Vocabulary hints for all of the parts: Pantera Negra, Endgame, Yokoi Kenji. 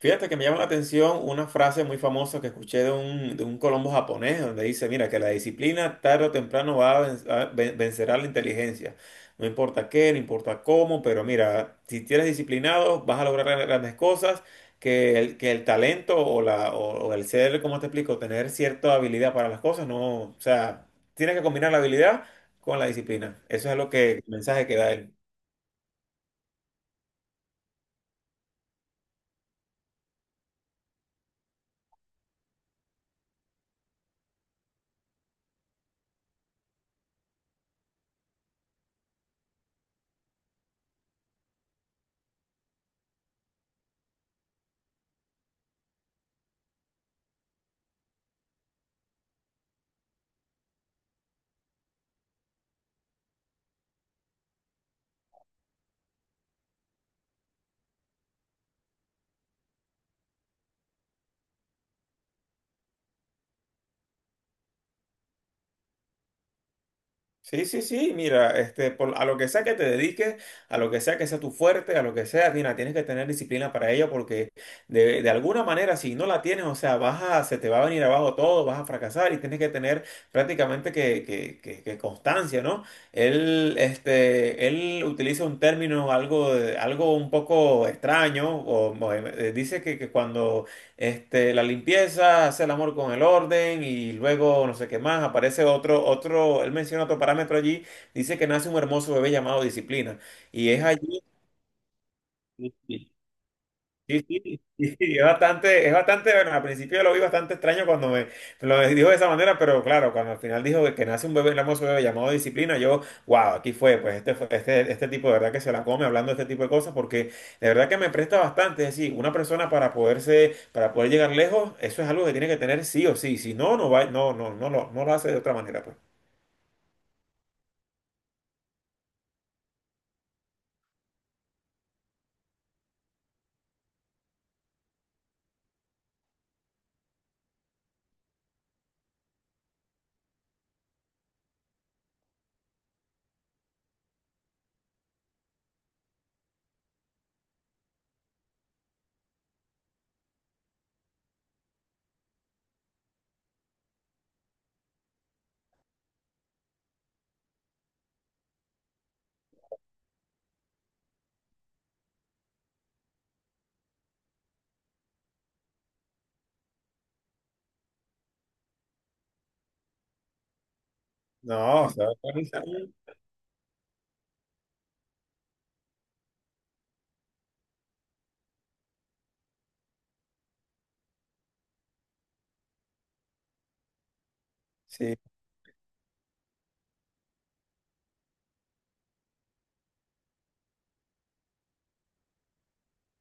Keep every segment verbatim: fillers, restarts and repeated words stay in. Fíjate que me llama la atención una frase muy famosa que escuché de un, de un Colombo japonés, donde dice, mira, que la disciplina tarde o temprano va a ven- a ven- vencerá la inteligencia. No importa qué, no importa cómo, pero mira, si eres disciplinado, vas a lograr gra- grandes cosas, que el, que el talento o, la, o, o el ser, como te explico, tener cierta habilidad para las cosas, no, o sea, tienes que combinar la habilidad con la disciplina. Eso es lo que, el mensaje que da él. Sí, sí, sí, mira, este, por- a lo que sea que te dediques, a lo que sea que sea tu fuerte, a lo que sea, mira, tienes que tener disciplina para ello porque de, de alguna manera si no la tienes, o sea, vas a, se te va a venir abajo todo, vas a fracasar y tienes que tener prácticamente que, que, que, que constancia, ¿no? Él, este, él utiliza un término algo, de- algo un poco extraño, o, o, eh, dice que, que cuando este, la limpieza, hace el amor con el orden y luego no sé qué más. Aparece otro, otro, él menciona otro parámetro allí, dice que nace un hermoso bebé llamado disciplina. Y es allí. Sí, sí, sí, es bastante, es bastante, bueno, al principio lo vi bastante extraño cuando me, me lo dijo de esa manera, pero claro, cuando al final dijo que nace un bebé, el hermoso bebé llamado disciplina, yo, wow, aquí fue, pues este, fue- este, este tipo de verdad que se la come hablando de este tipo de cosas, porque de verdad que me presta bastante, es decir, una persona para poderse, para poder llegar lejos, eso es algo que tiene que tener sí o sí, si no, no va, no, no, no, lo- no lo hace de otra manera, pues. No, o sea, organizar, sí.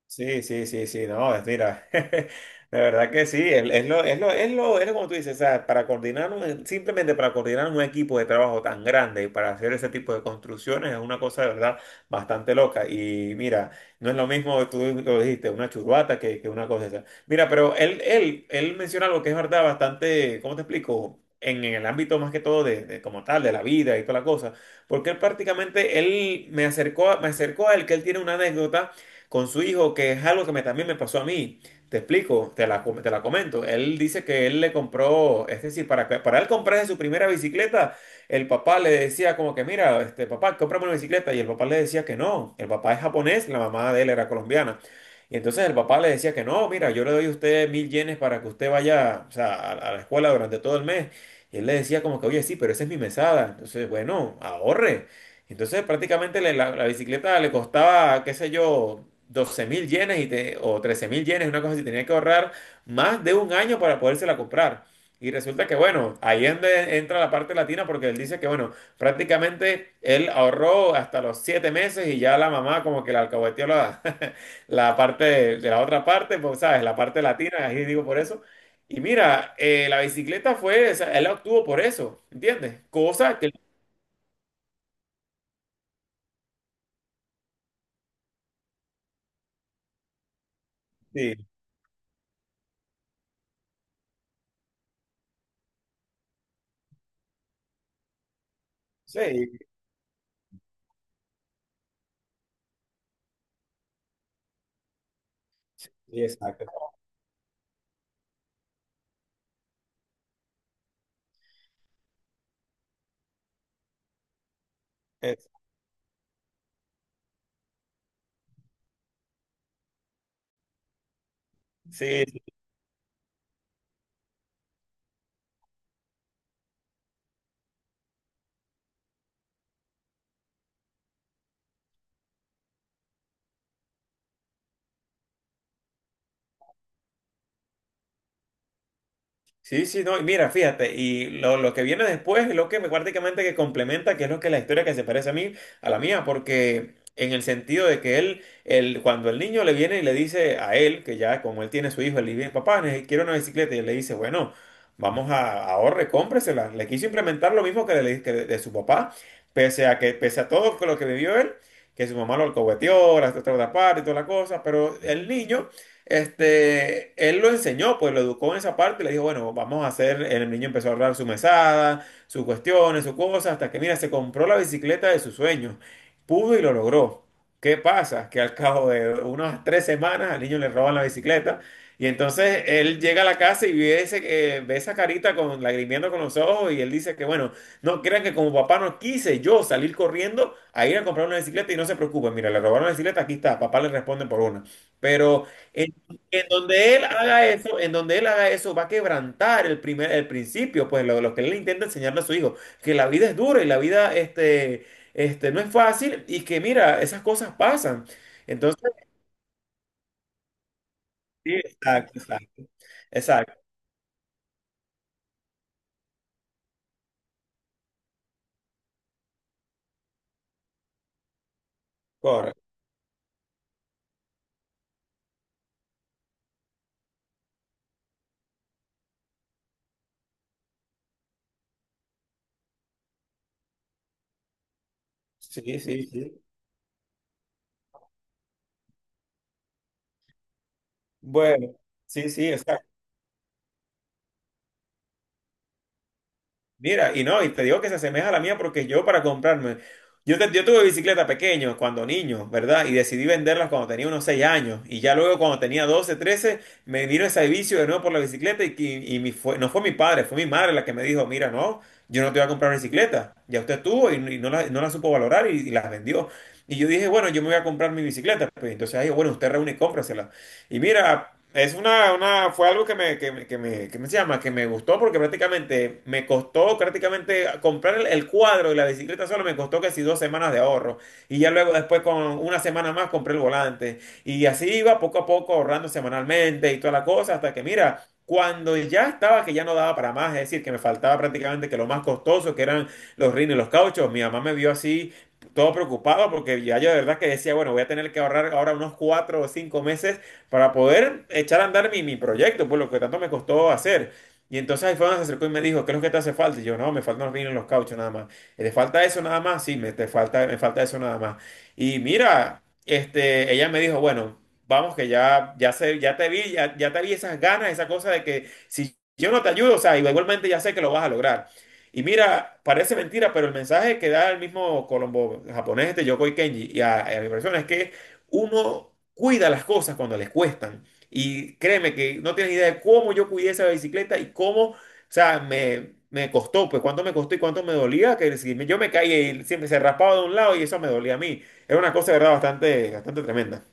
Sí, sí, sí, sí, no, es, mira, de verdad que sí, es, es lo, es lo, es lo, es lo como tú dices, o sea, para coordinar, un- simplemente para coordinar un equipo de trabajo tan grande y para hacer ese tipo de construcciones es una cosa de verdad bastante loca. Y mira, no es lo mismo, tú lo dijiste, una churbata que, que una cosa esa. Mira, pero él, él, él menciona algo que es verdad bastante, ¿cómo te explico? En, en el ámbito más que todo de, de como tal, de la vida y toda la cosa, porque él prácticamente, él me acercó, a- me acercó a él que él tiene una anécdota con su hijo, que es algo que me- también me pasó a mí. Te explico, te la, com- te la comento. Él dice que él le compró, es decir, para, que- para él comprarse su primera bicicleta, el papá le decía como que, mira, este papá, cómprame una bicicleta. Y el papá le decía que no. El papá es japonés, la mamá de él era colombiana. Y entonces el papá le decía que no, mira, yo le doy a usted mil yenes para que usted vaya, o sea, a, a la escuela durante todo el mes. Y él le decía como que, oye, sí, pero esa es mi mesada. Entonces, bueno, ahorre. Entonces prácticamente le- la, la bicicleta le costaba, qué sé yo, doce mil yenes y te, o trece mil yenes, una cosa así, tenía que ahorrar más de un año para podérsela comprar. Y resulta que, bueno, ahí es donde entra la parte latina porque él dice que, bueno, prácticamente él ahorró hasta los siete meses y ya la mamá como que le alcahueteó la, la parte de, de la otra parte, pues, ¿sabes? La parte latina, ahí digo por eso. Y mira, eh, la bicicleta fue, o sea, él la obtuvo por eso, ¿entiendes? Cosa que... Sí. Sí, Sí, exacto. Es- sí, sí, sí, no, y mira, fíjate, y lo, lo que viene después es lo que me prácticamente que complementa, que es lo que la historia que se parece a mí, a la mía, porque en el sentido de que él, él, cuando el niño le viene y le dice a él, que ya como él tiene su hijo, él le dice, papá, ne- quiero una bicicleta, y él le dice, bueno, vamos a ahorre, cómpresela. Le quiso implementar lo mismo que, le, que de, de su papá, pese a que, pese a todo lo que vivió él, que su mamá lo alcahueteó, la otra parte y toda la cosa, pero el niño. Este, él lo enseñó, pues lo educó en esa parte y le dijo, bueno, vamos a hacer, el niño empezó a ahorrar su mesada, sus cuestiones, sus cosas, hasta que, mira, se compró la bicicleta de sus sueños, pudo y lo logró. ¿Qué pasa? Que al cabo de unas tres semanas al niño le roban la bicicleta y entonces él llega a la casa y ve, ese, eh, ve esa carita con lagrimiendo con los ojos y él dice que, bueno, no crean que como papá no quise yo salir corriendo a ir a comprar una bicicleta y no se preocupen, mira, le robaron la bicicleta, aquí está, papá le responde por una. Pero... En donde él haga eso, en donde él haga eso, va a quebrantar el primer, el principio, pues lo, lo que él intenta enseñarle a su hijo, que la vida es dura y la vida, este, este, no es fácil y que mira, esas cosas pasan. Entonces, sí, exacto, exacto, exacto, correcto. Sí, sí, sí. Bueno, sí, sí, exacto. Mira, y no, y te digo que se asemeja a la mía porque yo para comprarme, yo, te- yo tuve bicicleta pequeño cuando niño, ¿verdad? Y decidí venderlas cuando tenía unos seis años. Y ya luego cuando tenía doce trece me vino ese vicio de nuevo por la bicicleta y, que- y, mi- fue- no fue mi padre, fue mi madre la que me dijo, mira, no, yo no te voy a comprar bicicleta. Ya usted tuvo y, y no la, no la supo valorar y, y las vendió. Y yo dije, bueno, yo me voy a comprar mi bicicleta. Pues, entonces, ahí, bueno, usted reúne y cómprasela. Y mira, es una, una, fue algo que me, que me, que me, que me se llama, que me gustó porque prácticamente me costó prácticamente comprar el, el cuadro y la bicicleta solo me costó casi dos semanas de ahorro. Y ya luego después con una semana más compré el volante. Y así iba poco a poco ahorrando semanalmente y toda la cosa hasta que mira. Cuando ya estaba que ya no daba para más, es decir, que me faltaba prácticamente que lo más costoso, que eran los rines y los cauchos, mi mamá me vio así todo preocupado porque ya yo de verdad que decía, bueno, voy a tener que ahorrar ahora unos cuatro o cinco meses para poder echar a andar mi, mi proyecto, pues lo que tanto me costó hacer. Y entonces ahí fue donde se acercó y me dijo, ¿qué es lo que te hace falta? Y yo, no, me faltan los vinos, los cauchos nada más. ¿Te falta eso nada más? Sí, me, te falta, me falta eso nada más. Y mira, este, ella me dijo, bueno, vamos que ya, ya, sé, ya te vi, ya, ya te vi esas ganas, esa cosa de que si yo no te ayudo, o sea, igualmente ya sé que lo vas a lograr. Y mira, parece mentira, pero el mensaje que da el mismo Colombo japonés, este Yokoi Kenji, y a, a mi persona es que uno cuida las cosas cuando les cuestan. Y créeme que no tienes idea de cómo yo cuidé esa bicicleta y cómo, o sea, me, me costó, pues cuánto me costó y cuánto me dolía, que si me- yo me caía y siempre se raspaba de un lado y eso me dolía a mí. Era una cosa, de verdad, bastante, bastante tremenda.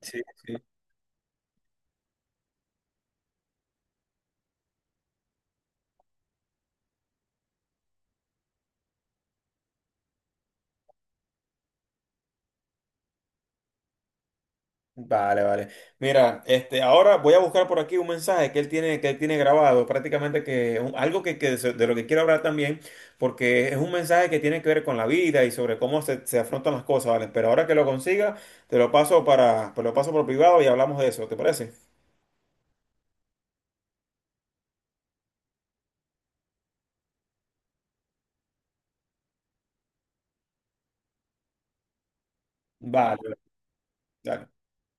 Sí, sí. Vale, vale. Mira, este, ahora voy a buscar por aquí un mensaje que él tiene, que él tiene grabado, prácticamente que un- algo que, que se- de lo que quiero hablar también, porque es un mensaje que tiene que ver con la vida y sobre cómo se, se afrontan las cosas, ¿vale? Pero ahora que lo consiga, te lo paso para, te lo paso por privado y hablamos de eso, ¿te parece? Vale, Vale. vale. dale.